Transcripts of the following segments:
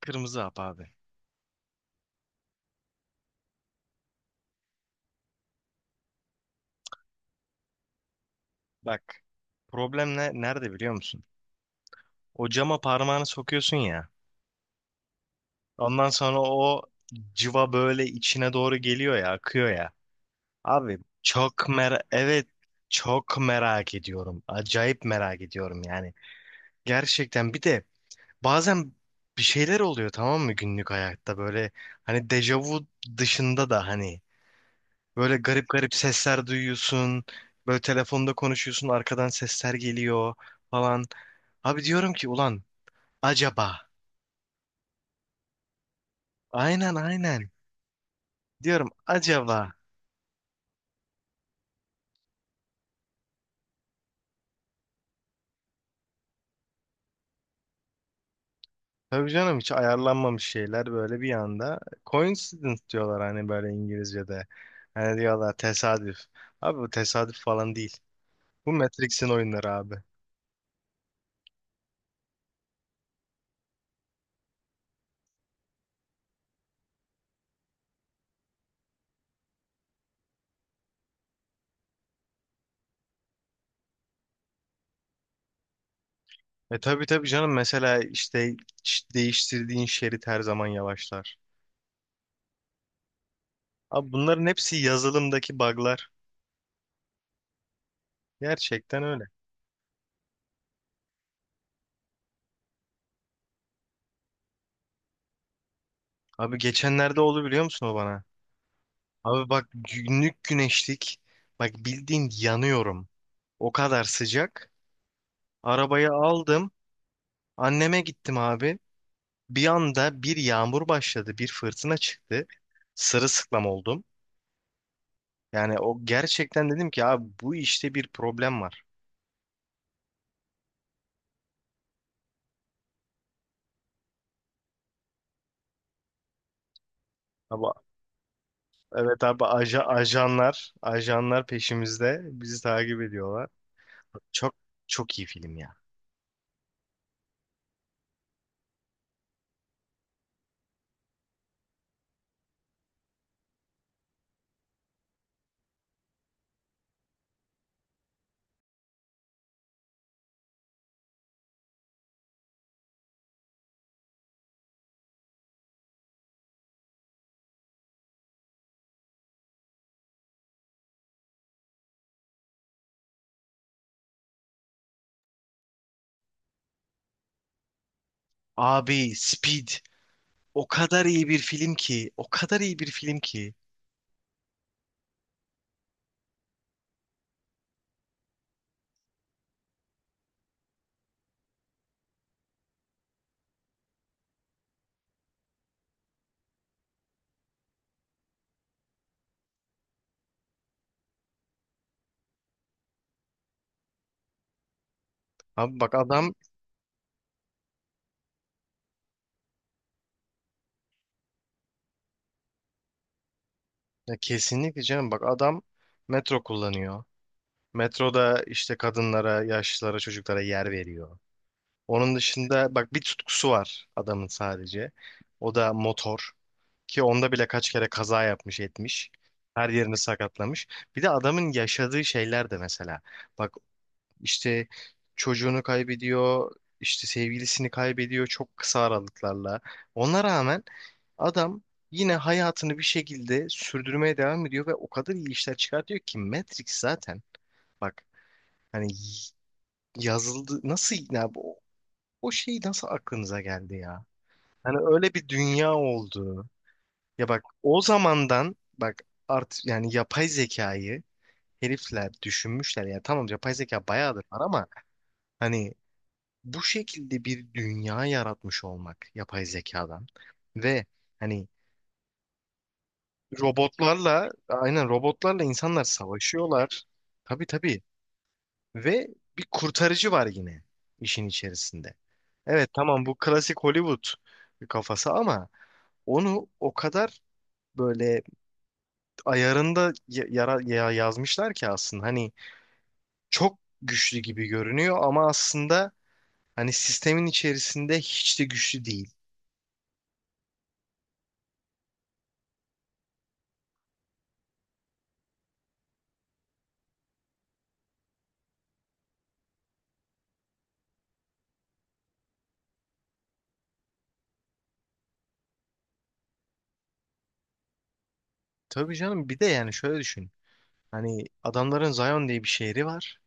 Kırmızı hap abi. Bak, problem ne, nerede biliyor musun? O cama parmağını sokuyorsun ya. Ondan sonra o cıva böyle içine doğru geliyor ya, akıyor ya. Abi çok evet, çok merak ediyorum. Acayip merak ediyorum yani. Gerçekten bir de bazen bir şeyler oluyor, tamam mı, günlük hayatta böyle, hani dejavu dışında da, hani böyle garip garip sesler duyuyorsun. Böyle telefonda konuşuyorsun, arkadan sesler geliyor falan. Abi diyorum ki ulan, acaba. Aynen, aynen. Diyorum acaba. Tabii canım, hiç ayarlanmamış şeyler böyle bir anda. Coincidence diyorlar hani, böyle İngilizce'de. Hani diyorlar tesadüf. Abi, bu tesadüf falan değil. Bu Matrix'in oyunları abi. E tabii tabii canım, mesela işte değiştirdiğin şerit her zaman yavaşlar. Abi, bunların hepsi yazılımdaki bug'lar. Gerçekten öyle. Abi, geçenlerde oldu biliyor musun o bana? Abi bak, günlük güneşlik. Bak, bildiğin yanıyorum. O kadar sıcak. Arabayı aldım. Anneme gittim abi. Bir anda bir yağmur başladı. Bir fırtına çıktı. Sırılsıklam oldum. Yani o gerçekten, dedim ki abi bu işte, bir problem var. Abi, evet abi, ajanlar ajanlar peşimizde. Bizi takip ediyorlar. Çok çok iyi film ya. Abi, Speed o kadar iyi bir film ki. O kadar iyi bir film ki. Abi bak adam ya kesinlikle canım, bak adam metro kullanıyor. Metroda işte kadınlara, yaşlılara, çocuklara yer veriyor. Onun dışında bak, bir tutkusu var adamın sadece. O da motor, ki onda bile kaç kere kaza yapmış etmiş. Her yerini sakatlamış. Bir de adamın yaşadığı şeyler de mesela. Bak işte çocuğunu kaybediyor, işte sevgilisini kaybediyor çok kısa aralıklarla. Ona rağmen adam yine hayatını bir şekilde sürdürmeye devam ediyor ve o kadar iyi işler çıkartıyor ki Matrix zaten, bak, hani yazıldı nasıl ya bu, o şey nasıl aklınıza geldi ya? Hani öyle bir dünya oldu. Ya bak, o zamandan bak, yani yapay zekayı herifler düşünmüşler ya, tamam, yapay zeka bayağıdır var, ama hani bu şekilde bir dünya yaratmış olmak yapay zekadan ve hani robotlarla, aynen, robotlarla insanlar savaşıyorlar. Tabii tabii, ve bir kurtarıcı var yine işin içerisinde. Evet tamam, bu klasik Hollywood kafası, ama onu o kadar böyle ayarında yazmışlar ki, aslında hani çok güçlü gibi görünüyor ama aslında hani sistemin içerisinde hiç de güçlü değil. Tabii canım, bir de yani şöyle düşün. Hani adamların Zion diye bir şehri var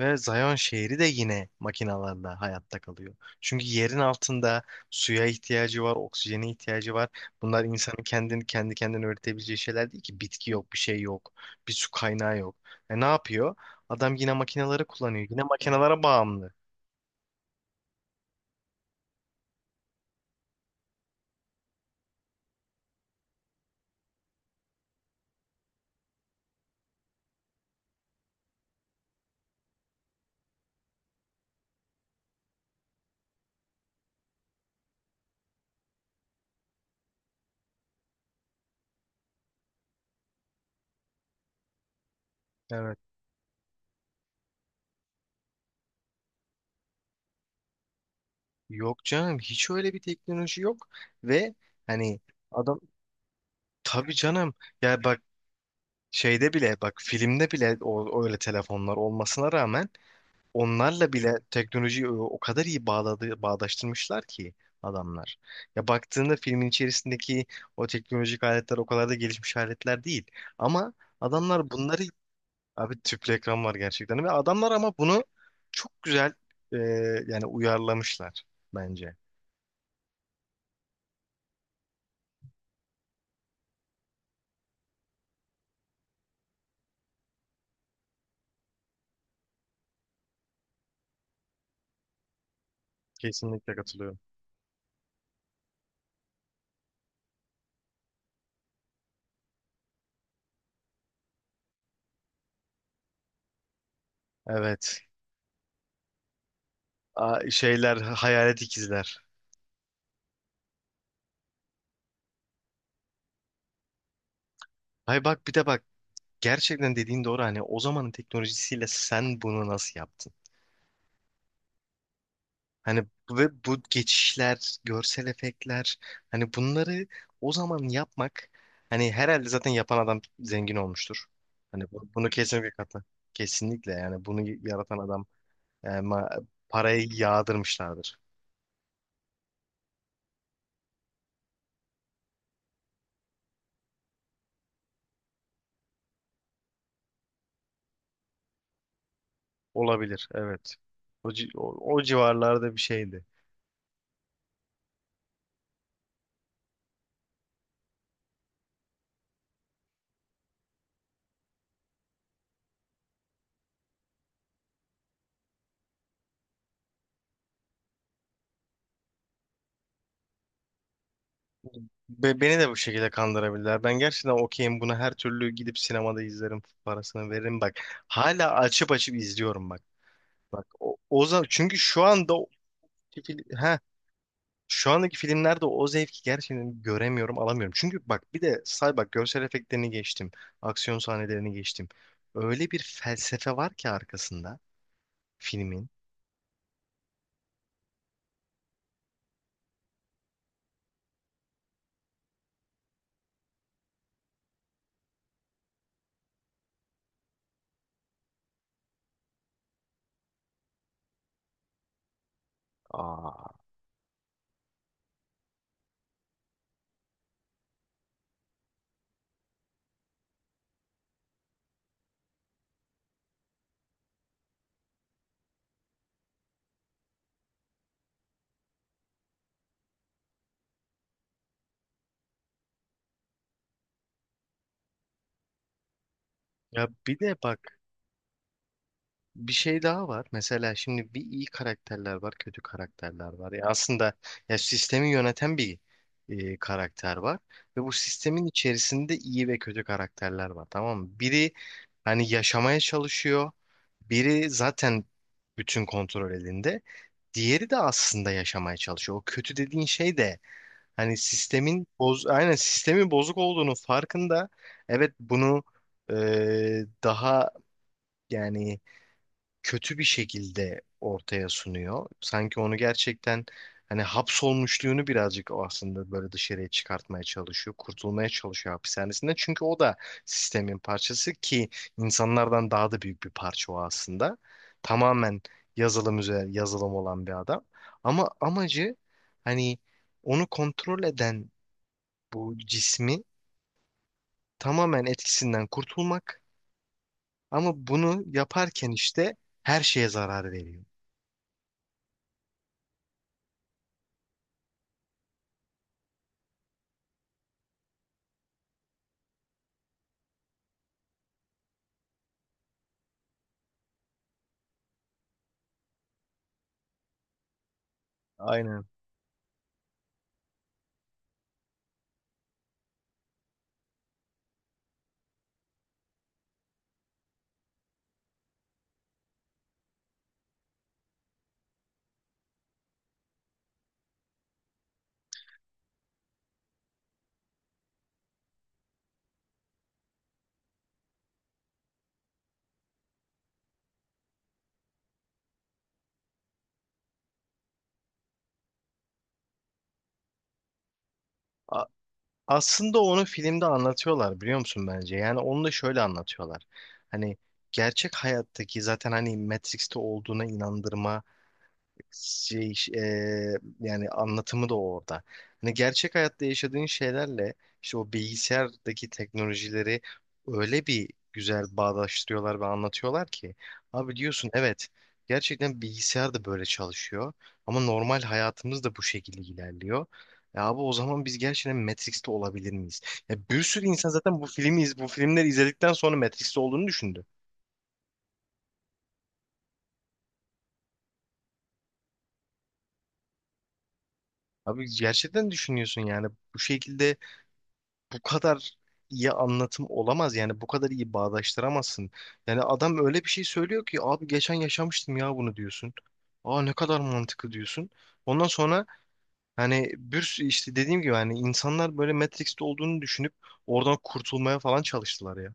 ve Zion şehri de yine makinalarla hayatta kalıyor. Çünkü yerin altında suya ihtiyacı var, oksijene ihtiyacı var. Bunlar insanın kendini kendi kendine üretebileceği şeyler değil ki. Bitki yok, bir şey yok, bir su kaynağı yok. E ne yapıyor? Adam yine makinaları kullanıyor. Yine makinalara bağımlı. Evet. Yok canım, hiç öyle bir teknoloji yok ve hani adam, tabii canım, ya bak, şeyde bile, bak, filmde bile, o, öyle telefonlar olmasına rağmen onlarla bile teknolojiyi o kadar iyi bağladı, bağdaştırmışlar ki adamlar. Ya baktığında filmin içerisindeki o teknolojik aletler o kadar da gelişmiş aletler değil. Ama adamlar bunları, abi tüplü ekran var gerçekten, ve adamlar ama bunu çok güzel, e, yani, uyarlamışlar bence. Kesinlikle katılıyorum. Evet. Şeyler, hayalet ikizler. Hay bak, bir de bak, gerçekten dediğin doğru, hani o zamanın teknolojisiyle sen bunu nasıl yaptın? Hani ve bu geçişler, görsel efektler, hani bunları o zaman yapmak, hani herhalde zaten yapan adam zengin olmuştur. Hani bunu kesinlikle katla. Kesinlikle, yani bunu yaratan adam, parayı yağdırmışlardır. Olabilir, evet. O civarlarda bir şeydi. Beni de bu şekilde kandırabilirler. Ben gerçekten okeyim buna, her türlü gidip sinemada izlerim, parasını veririm bak. Hala açıp açıp izliyorum bak. Bak o, o zaman çünkü şu anda He. Şu andaki filmlerde o zevki gerçekten göremiyorum, alamıyorum. Çünkü bak, bir de say bak, görsel efektlerini geçtim. Aksiyon sahnelerini geçtim. Öyle bir felsefe var ki arkasında filmin. Aa. Ya bir de bak, bir şey daha var. Mesela şimdi bir iyi karakterler var, kötü karakterler var. Ya aslında, ya sistemi yöneten bir, karakter var ve bu sistemin içerisinde iyi ve kötü karakterler var. Tamam mı? Biri hani yaşamaya çalışıyor. Biri zaten, bütün kontrol elinde. Diğeri de aslında yaşamaya çalışıyor. O kötü dediğin şey de, hani aynen sistemin bozuk olduğunu farkında. Evet, bunu, e, daha, yani kötü bir şekilde ortaya sunuyor. Sanki onu gerçekten, hani hapsolmuşluğunu birazcık, o aslında böyle dışarıya çıkartmaya çalışıyor. Kurtulmaya çalışıyor hapishanesinden. Çünkü o da sistemin parçası, ki insanlardan daha da büyük bir parça o aslında. Tamamen yazılım üzerine yazılım olan bir adam. Ama amacı, hani onu kontrol eden bu cismi tamamen etkisinden kurtulmak. Ama bunu yaparken işte her şeye zarar veriyor. Aynen. Aslında onu filmde anlatıyorlar biliyor musun, bence? Yani onu da şöyle anlatıyorlar. Hani gerçek hayattaki, zaten hani Matrix'te olduğuna inandırma şey, yani anlatımı da orada. Hani gerçek hayatta yaşadığın şeylerle işte o bilgisayardaki teknolojileri öyle bir güzel bağdaştırıyorlar ve anlatıyorlar ki, abi diyorsun evet, gerçekten bilgisayar da böyle çalışıyor ama normal hayatımız da bu şekilde ilerliyor. Ya abi, o zaman biz gerçekten Matrix'te olabilir miyiz? Ya bir sürü insan zaten bu filmi bu filmleri izledikten sonra Matrix'te olduğunu düşündü. Abi, gerçekten düşünüyorsun yani, bu şekilde bu kadar iyi anlatım olamaz, yani bu kadar iyi bağdaştıramazsın. Yani adam öyle bir şey söylüyor ki, abi geçen yaşamıştım ya bunu diyorsun. Aa, ne kadar mantıklı diyorsun. Ondan sonra hani bir işte, dediğim gibi, hani insanlar böyle Matrix'te olduğunu düşünüp oradan kurtulmaya falan çalıştılar ya.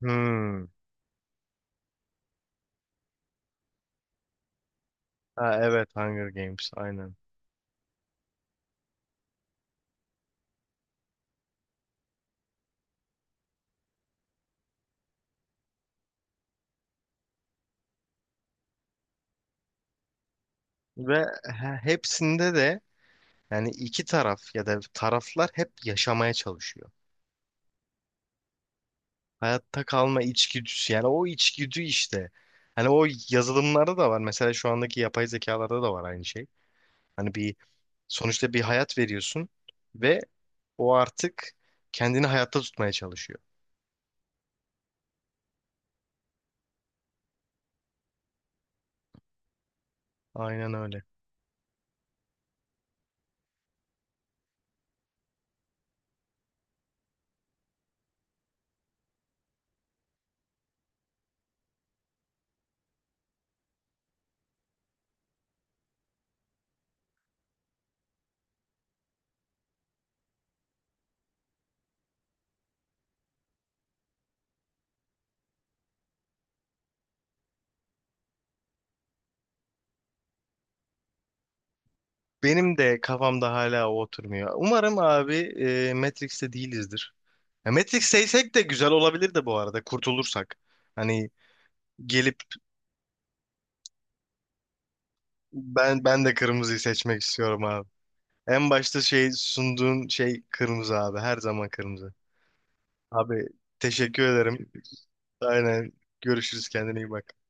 Hmm. Ha, evet, Hunger Games, aynen. Ve hepsinde de, yani iki taraf ya da taraflar hep yaşamaya çalışıyor. Hayatta kalma içgüdüsü. Yani o içgüdü işte. Hani o yazılımlarda da var. Mesela şu andaki yapay zekalarda da var, aynı şey. Hani bir, sonuçta bir hayat veriyorsun ve o artık kendini hayatta tutmaya çalışıyor. Aynen öyle. Benim de kafamda hala o oturmuyor. Umarım abi Matrix'te değilizdir. Ya Matrix'teysek de güzel olabilir de bu arada, kurtulursak. Hani gelip, ben de kırmızıyı seçmek istiyorum abi. En başta şey sunduğun şey kırmızı abi. Her zaman kırmızı. Abi, teşekkür ederim. Aynen. Görüşürüz. Kendine iyi bak.